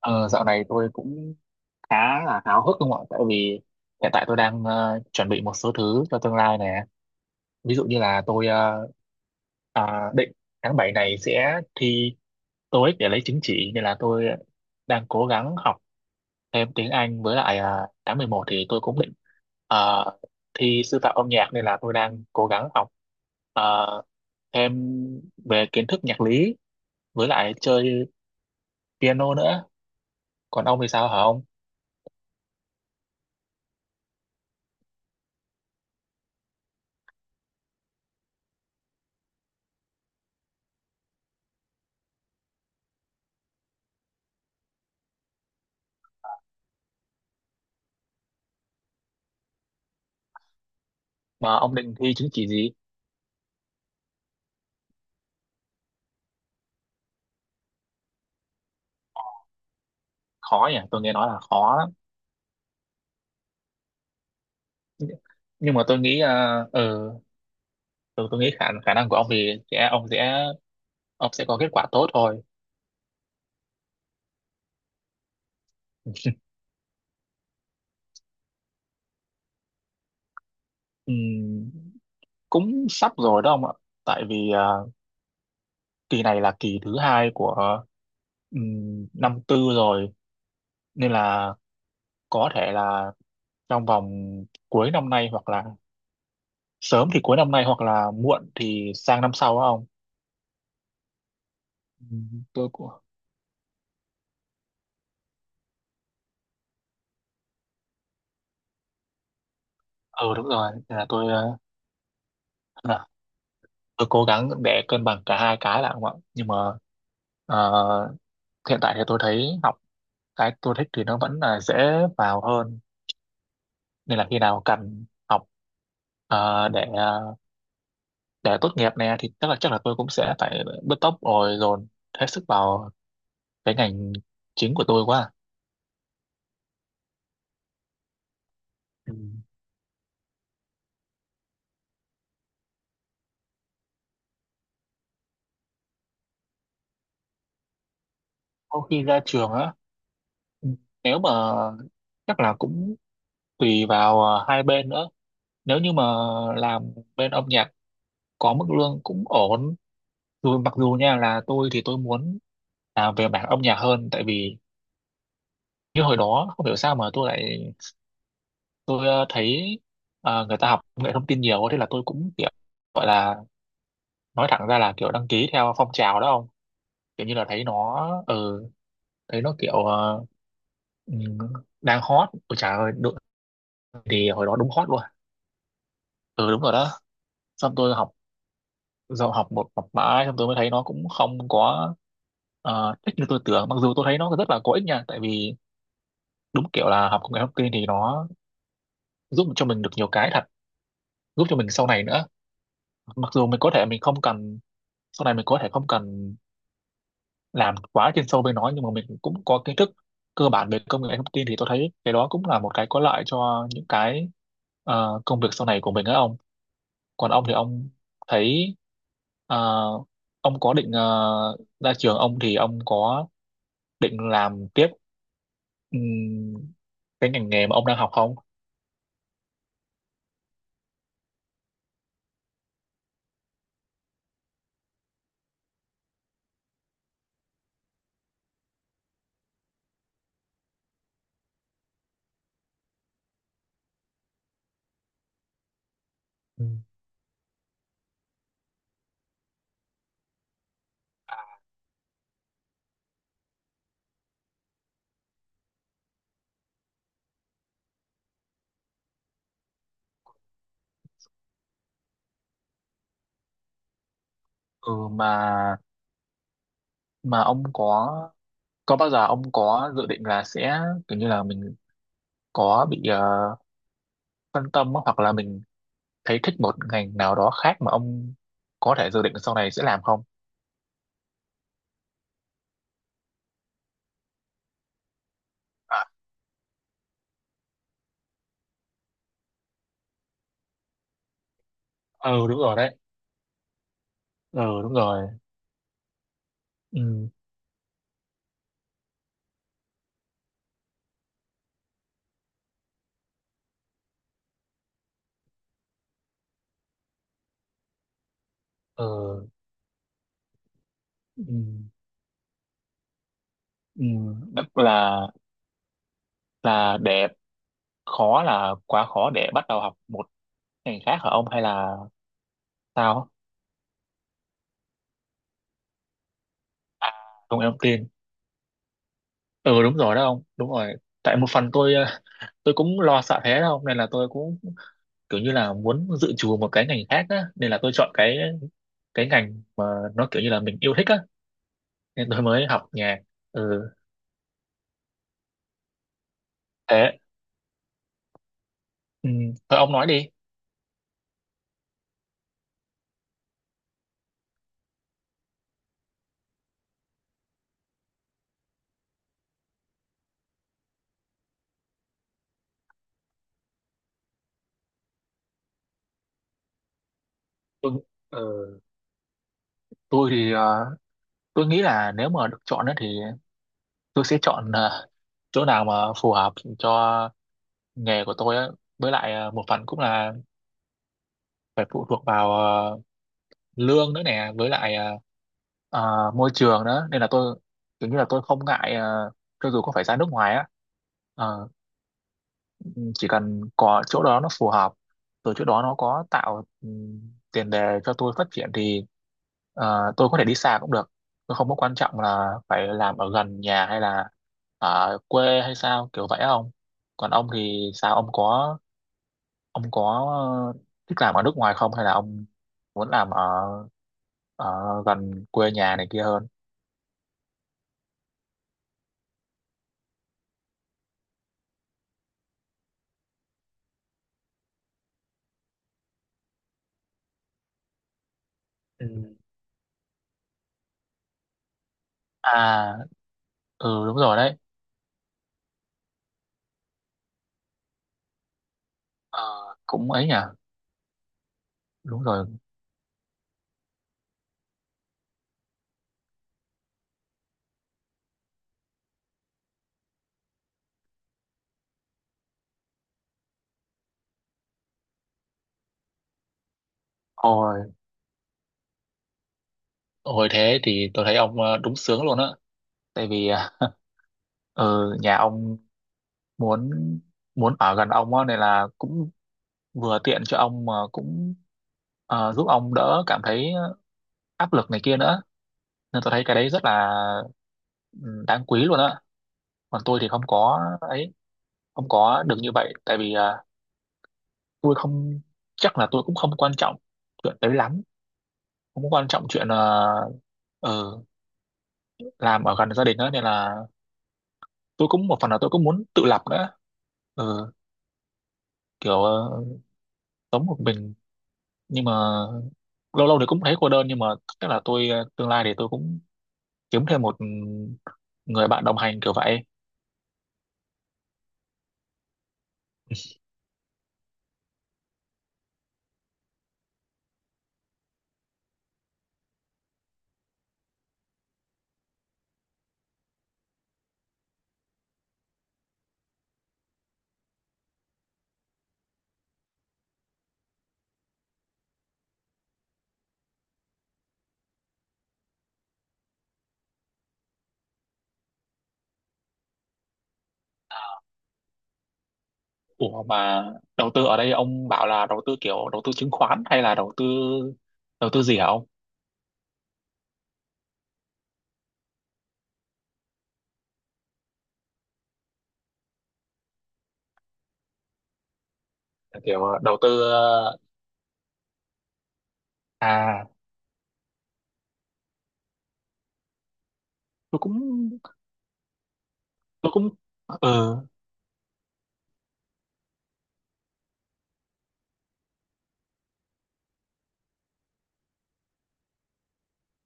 Ờ, dạo này tôi cũng khá là háo hức không ạ? Tại vì hiện tại tôi đang chuẩn bị một số thứ cho tương lai nè. Ví dụ như là tôi định tháng 7 này sẽ thi TOEIC để lấy chứng chỉ, nên là tôi đang cố gắng học thêm tiếng Anh. Với lại tháng 11 thì tôi cũng định ờ, thi sư phạm âm nhạc, nên là tôi đang cố gắng học ờ, thêm về kiến thức nhạc lý với lại chơi piano nữa. Còn ông thì sao hả ông? Mà ông định thi chứng chỉ gì? Khó nhỉ, tôi nghe nói là khó lắm, nhưng mà tôi nghĩ tôi nghĩ khả khả năng của ông thì sẽ ông sẽ ông sẽ có kết quả tốt thôi. Ừm, cũng sắp rồi đó ông ạ, tại vì kỳ này là kỳ thứ hai của năm tư rồi, nên là có thể là trong vòng cuối năm nay, hoặc là sớm thì cuối năm nay hoặc là muộn thì sang năm sau đó ông. Tôi cũng ừ đúng rồi. Nên là tôi ờ, tôi cố gắng để cân bằng cả hai cái là không ạ, nhưng mà ờ, hiện tại thì tôi thấy học cái tôi thích thì nó vẫn là dễ vào hơn, nên là khi nào cần học ờ, để ờ, để tốt nghiệp này thì chắc là tôi cũng sẽ phải bứt tốc rồi dồn hết sức vào cái ngành chính của tôi quá. Ừ, sau khi ra trường á, ừ, nếu mà chắc là cũng tùy vào hai bên nữa. Nếu như mà làm bên âm nhạc có mức lương cũng ổn, dù mặc dù nha là tôi thì tôi muốn làm về mảng âm nhạc hơn. Tại vì như hồi đó không hiểu sao mà tôi thấy người ta học công nghệ thông tin nhiều, thế là tôi cũng kiểu gọi là nói thẳng ra là kiểu đăng ký theo phong trào đó không. Kiểu như là thấy nó ừ thấy nó kiểu ừm, đang hot. Ôi trời ơi đúng, thì hồi đó đúng hot luôn. Ừ đúng rồi đó, xong tôi học rồi học mãi, xong tôi mới thấy nó cũng không có thích như tôi tưởng. Mặc dù tôi thấy nó rất là có ích nha, tại vì đúng kiểu là học công nghệ thông tin thì nó giúp cho mình được nhiều cái thật, giúp cho mình sau này nữa. Mặc dù mình có thể mình không cần, sau này mình có thể không cần làm quá chuyên sâu bên nó, nhưng mà mình cũng có kiến thức cơ bản về công nghệ thông tin, thì tôi thấy cái đó cũng là một cái có lợi cho những cái công việc sau này của mình á ông. Còn ông thì ông thấy ờ, ông có định ra trường ông thì ông có định làm tiếp ừm, cái ngành nghề mà ông đang học không Ừ. ừ mà ông có bao giờ ông có dự định là sẽ kiểu như là mình có bị ờ, phân tâm á, hoặc là mình thấy thích một ngành nào đó khác mà ông có thể dự định sau này sẽ làm không? À, ừ đúng rồi đấy. Ừ đúng rồi. Ừ ừ ừ, ừ. Tức là để khó là quá khó để bắt đầu học một ngành khác hả ông hay là sao? À, không em tin. Ừ đúng rồi đó ông. Đúng rồi. Tại một phần tôi tôi cũng lo sợ thế đâu, nên là tôi cũng kiểu như là muốn dự trù một cái ngành khác á, nên là tôi chọn cái ngành mà nó kiểu như là mình yêu thích á, nên tôi mới học nhạc. Ừ thế ừ. Thôi ông nói đi. Tôi, ờ, tôi thì tôi nghĩ là nếu mà được chọn á thì tôi sẽ chọn chỗ nào mà phù hợp cho nghề của tôi á, với lại một phần cũng là phải phụ thuộc vào lương nữa nè, với lại môi trường nữa, nên là tôi kiểu như là tôi không ngại cho dù có phải ra nước ngoài á. Ờ, chỉ cần có chỗ đó nó phù hợp rồi chỗ đó nó có tạo tiền đề cho tôi phát triển thì tôi có thể đi xa cũng được. Tôi không có quan trọng là phải làm ở gần nhà hay là ở quê hay sao kiểu vậy không. Còn ông thì sao, ông có ờ, thích làm ở nước ngoài không, hay là ông muốn làm ở ở gần quê nhà này kia hơn? Ừ. À ừ đúng rồi đấy. Ờ, cũng ấy nhỉ đúng rồi. Ồ, hồi thế thì tôi thấy ông đúng sướng luôn á. Tại vì nhà ông muốn muốn ở gần ông á, nên là cũng vừa tiện cho ông mà cũng giúp ông đỡ cảm thấy áp lực này kia nữa, nên tôi thấy cái đấy rất là ừ, đáng quý luôn á. Còn tôi thì không có ấy, không có được như vậy. Tại vì tôi không chắc là tôi cũng không quan trọng chuyện đấy lắm, không quan trọng chuyện ờ, làm ở gần gia đình á, nên là tôi cũng một phần là tôi cũng muốn tự lập nữa. Ừ, kiểu sống một mình, nhưng mà lâu lâu thì cũng thấy cô đơn, nhưng mà chắc là tôi tương lai thì tôi cũng kiếm thêm một người bạn đồng hành kiểu vậy. Ủa mà đầu tư ở đây ông bảo là đầu tư kiểu đầu tư chứng khoán hay là đầu tư gì hả ông? Kiểu đầu tư à tôi cũng tôi cũng ừ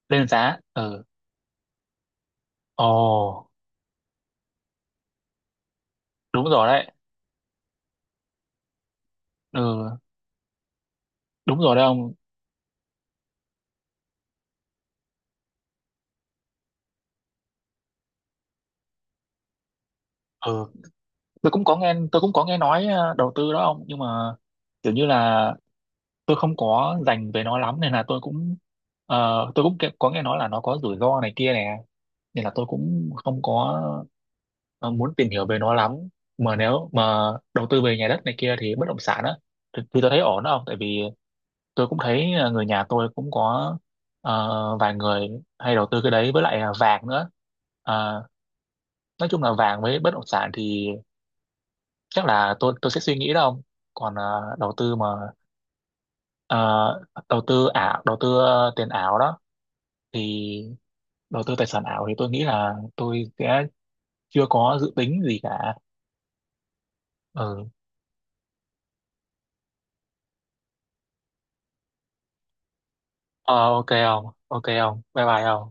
lên giá ừ ồ đúng rồi đấy ừ đúng rồi đấy ông ừ tôi cũng có nghe nói đầu tư đó ông, nhưng mà kiểu như là tôi không có dành về nó lắm, nên là tôi cũng tôi cũng có nghe nói là nó có rủi ro này kia nè, nên là tôi cũng không có muốn tìm hiểu về nó lắm. Mà nếu mà đầu tư về nhà đất này kia thì bất động sản á, thì tôi thấy ổn đó ông. Tại vì tôi cũng thấy người nhà tôi cũng có vài người hay đầu tư cái đấy với lại là vàng nữa. Ờ, nói chung là vàng với bất động sản thì chắc là tôi sẽ suy nghĩ đâu ông. Còn đầu tư mà ờ, đầu tư ảo đầu tư tiền ảo đó thì đầu tư tài sản ảo thì tôi nghĩ là tôi sẽ chưa có dự tính gì cả. Ừ. Ờ, ok không bye bye không.